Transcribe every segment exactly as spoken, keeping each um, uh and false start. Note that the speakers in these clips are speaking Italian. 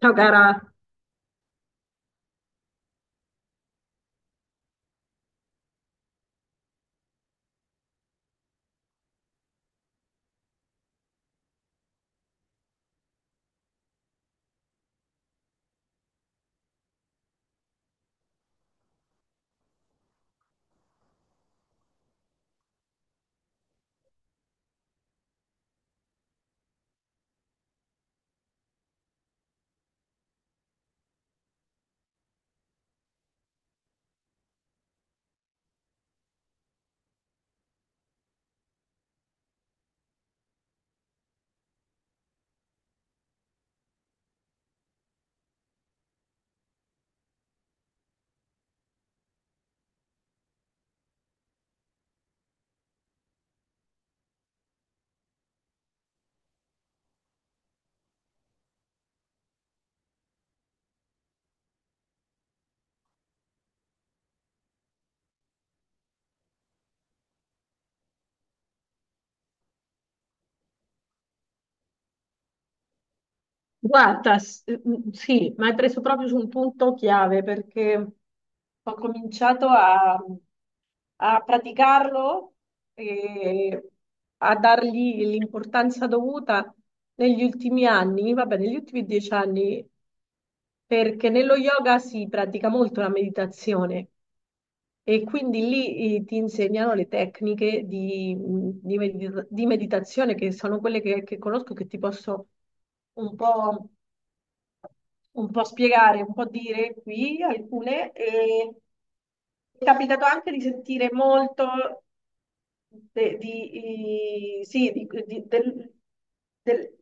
Ciao cara, guarda, s- mm, sì, ma hai preso proprio su un punto chiave perché ho cominciato a, a praticarlo e a dargli l'importanza dovuta negli ultimi anni, vabbè, negli ultimi dieci anni, perché nello yoga si pratica molto la meditazione. E quindi lì eh, ti insegnano le tecniche di, mm, di medita- di meditazione, che sono quelle che, che conosco, che ti posso un po', un po' spiegare, un po' dire qui alcune. E mi è capitato anche di sentire molto de- di, eh, sì, di- di- del- del-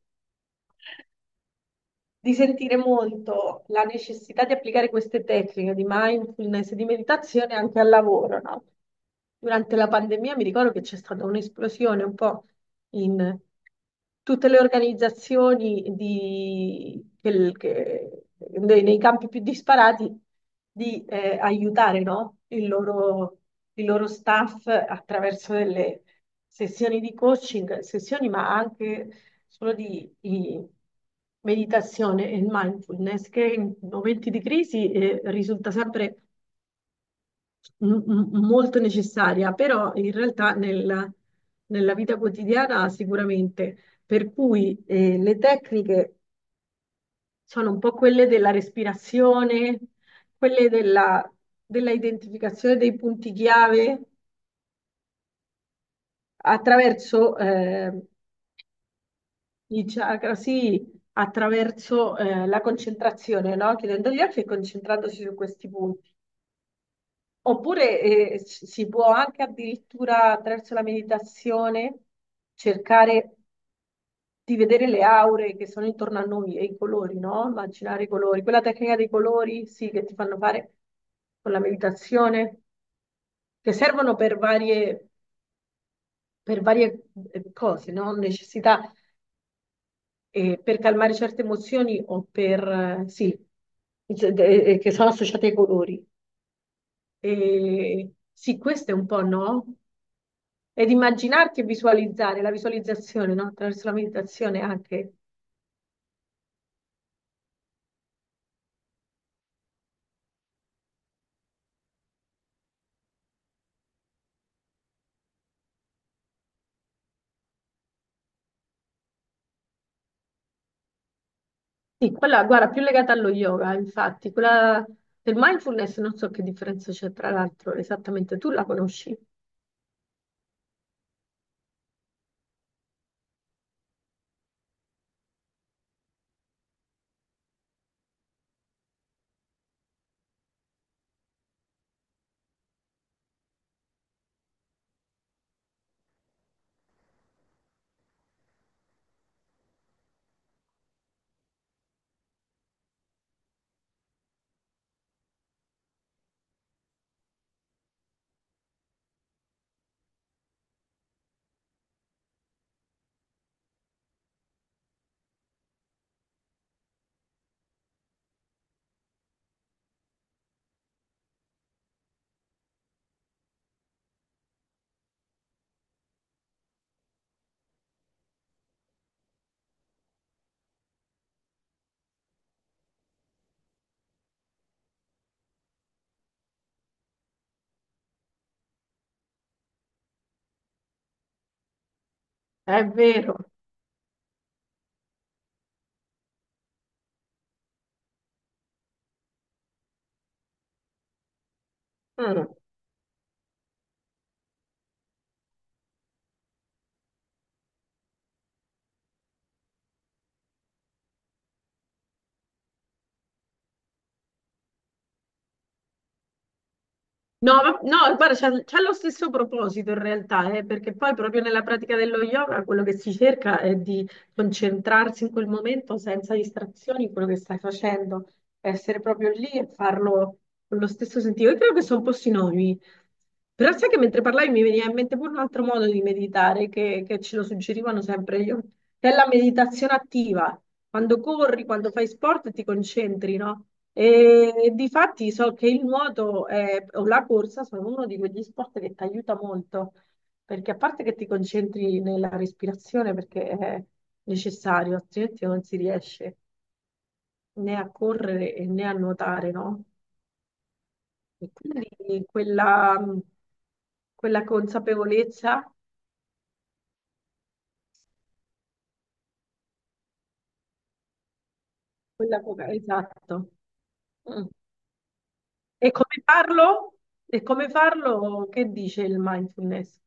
di sentire molto la necessità di applicare queste tecniche di mindfulness e di meditazione anche al lavoro, no? Durante la pandemia mi ricordo che c'è stata un'esplosione un po' in tutte le organizzazioni di- che- che- nei, nei campi più disparati di eh, aiutare, no? Il loro, il loro staff attraverso delle sessioni di coaching, sessioni ma anche solo di, di meditazione e mindfulness, che in momenti di crisi eh, risulta sempre m- m- molto necessaria, però in realtà nella, nella vita quotidiana sicuramente. Per cui eh, le tecniche sono un po' quelle della respirazione, quelle della, della identificazione dei punti chiave attraverso... eh, i chakra, sì, attraverso eh, la concentrazione, no? Chiudendo gli occhi e concentrandosi su questi punti. Oppure eh, s- si può anche addirittura attraverso la meditazione cercare di vedere le aure che sono intorno a noi e i colori, no? Immaginare i colori. Quella tecnica dei colori, sì, che ti fanno fare con la meditazione, che servono per varie, per varie eh, cose, no? Necessità eh, per calmare certe emozioni o per, eh, sì, Z- de- eh, eh, che sono associate ai colori. Eh, sì, questo è un po' no? Ed immaginarti e visualizzare, la visualizzazione, no? Attraverso la meditazione anche. Sì, quella, guarda, più legata allo yoga, infatti, quella del mindfulness non so che differenza c'è tra l'altro esattamente, tu la conosci? È vero. Mm. No, ma- no, guarda, c'ha c'ha lo stesso proposito in realtà, eh, perché poi proprio nella pratica dello yoga quello che si cerca è di concentrarsi in quel momento senza distrazioni in quello che stai facendo, essere proprio lì e farlo con lo stesso sentito. Io credo che sono un po' sinonimi, però sai che mentre parlavi mi veniva in mente pure un altro modo di meditare che, che ce lo suggerivano sempre io, che è la meditazione attiva quando corri, quando fai sport ti concentri, no? E difatti so che il nuoto eh, o la corsa sono uno di quegli sport che ti aiuta molto, perché a parte che ti concentri nella respirazione, perché è necessario, altrimenti non si riesce né a correre e né a nuotare, no? E quindi quella, quella consapevolezza, quella... co- esatto. Mm. E come farlo? E come farlo? Che dice il mindfulness?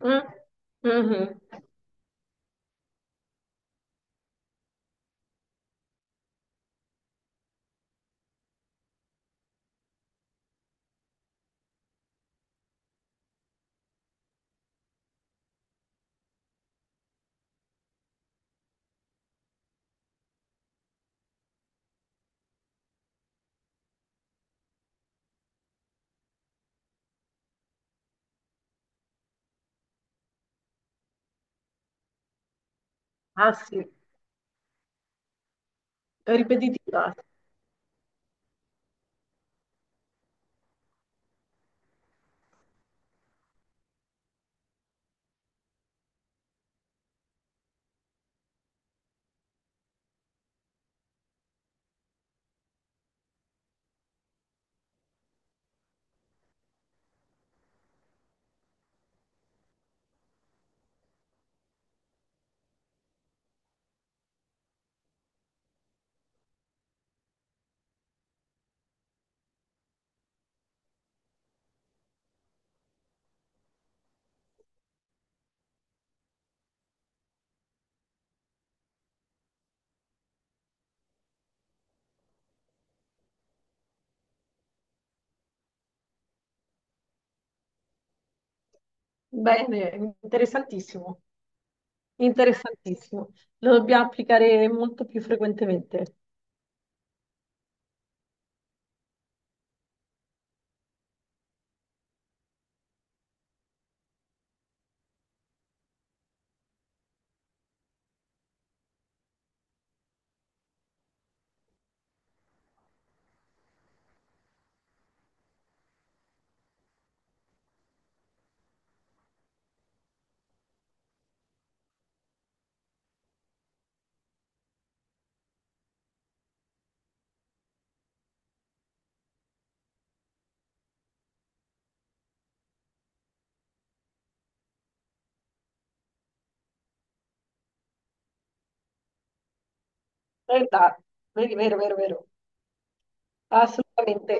Mm, mhm. Ah sì, ripetitiva. Bene, interessantissimo, interessantissimo. Lo dobbiamo applicare molto più frequentemente. Verità, vero, vero, vero, vero. Assolutamente.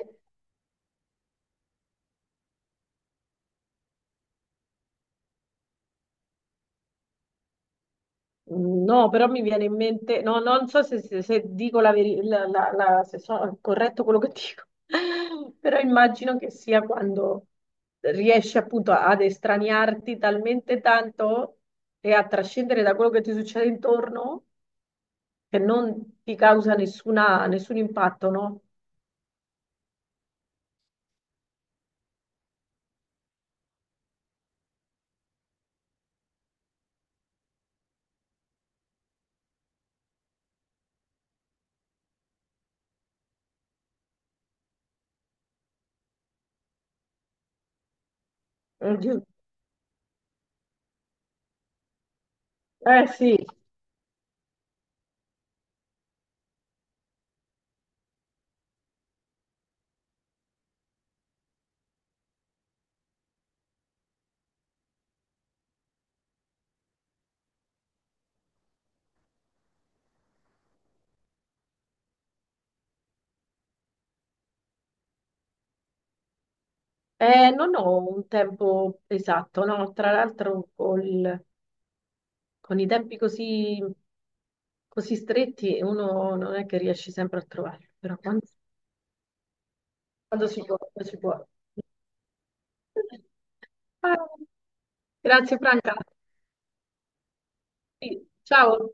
No, però mi viene in mente, no, non so se, se- se dico la verità, se sono corretto quello che dico, però immagino che sia quando riesci appunto ad estraniarti talmente tanto e a trascendere da quello che ti succede intorno che non ti causa nessuna- nessun impatto, no? Mhm. Eh sì, eh, non ho un tempo esatto, no? Tra l'altro col- con i tempi così, così stretti uno non è che riesce sempre a trovarlo, però quando, quando si può, quando si può. Ah, grazie Franca. Sì, ciao.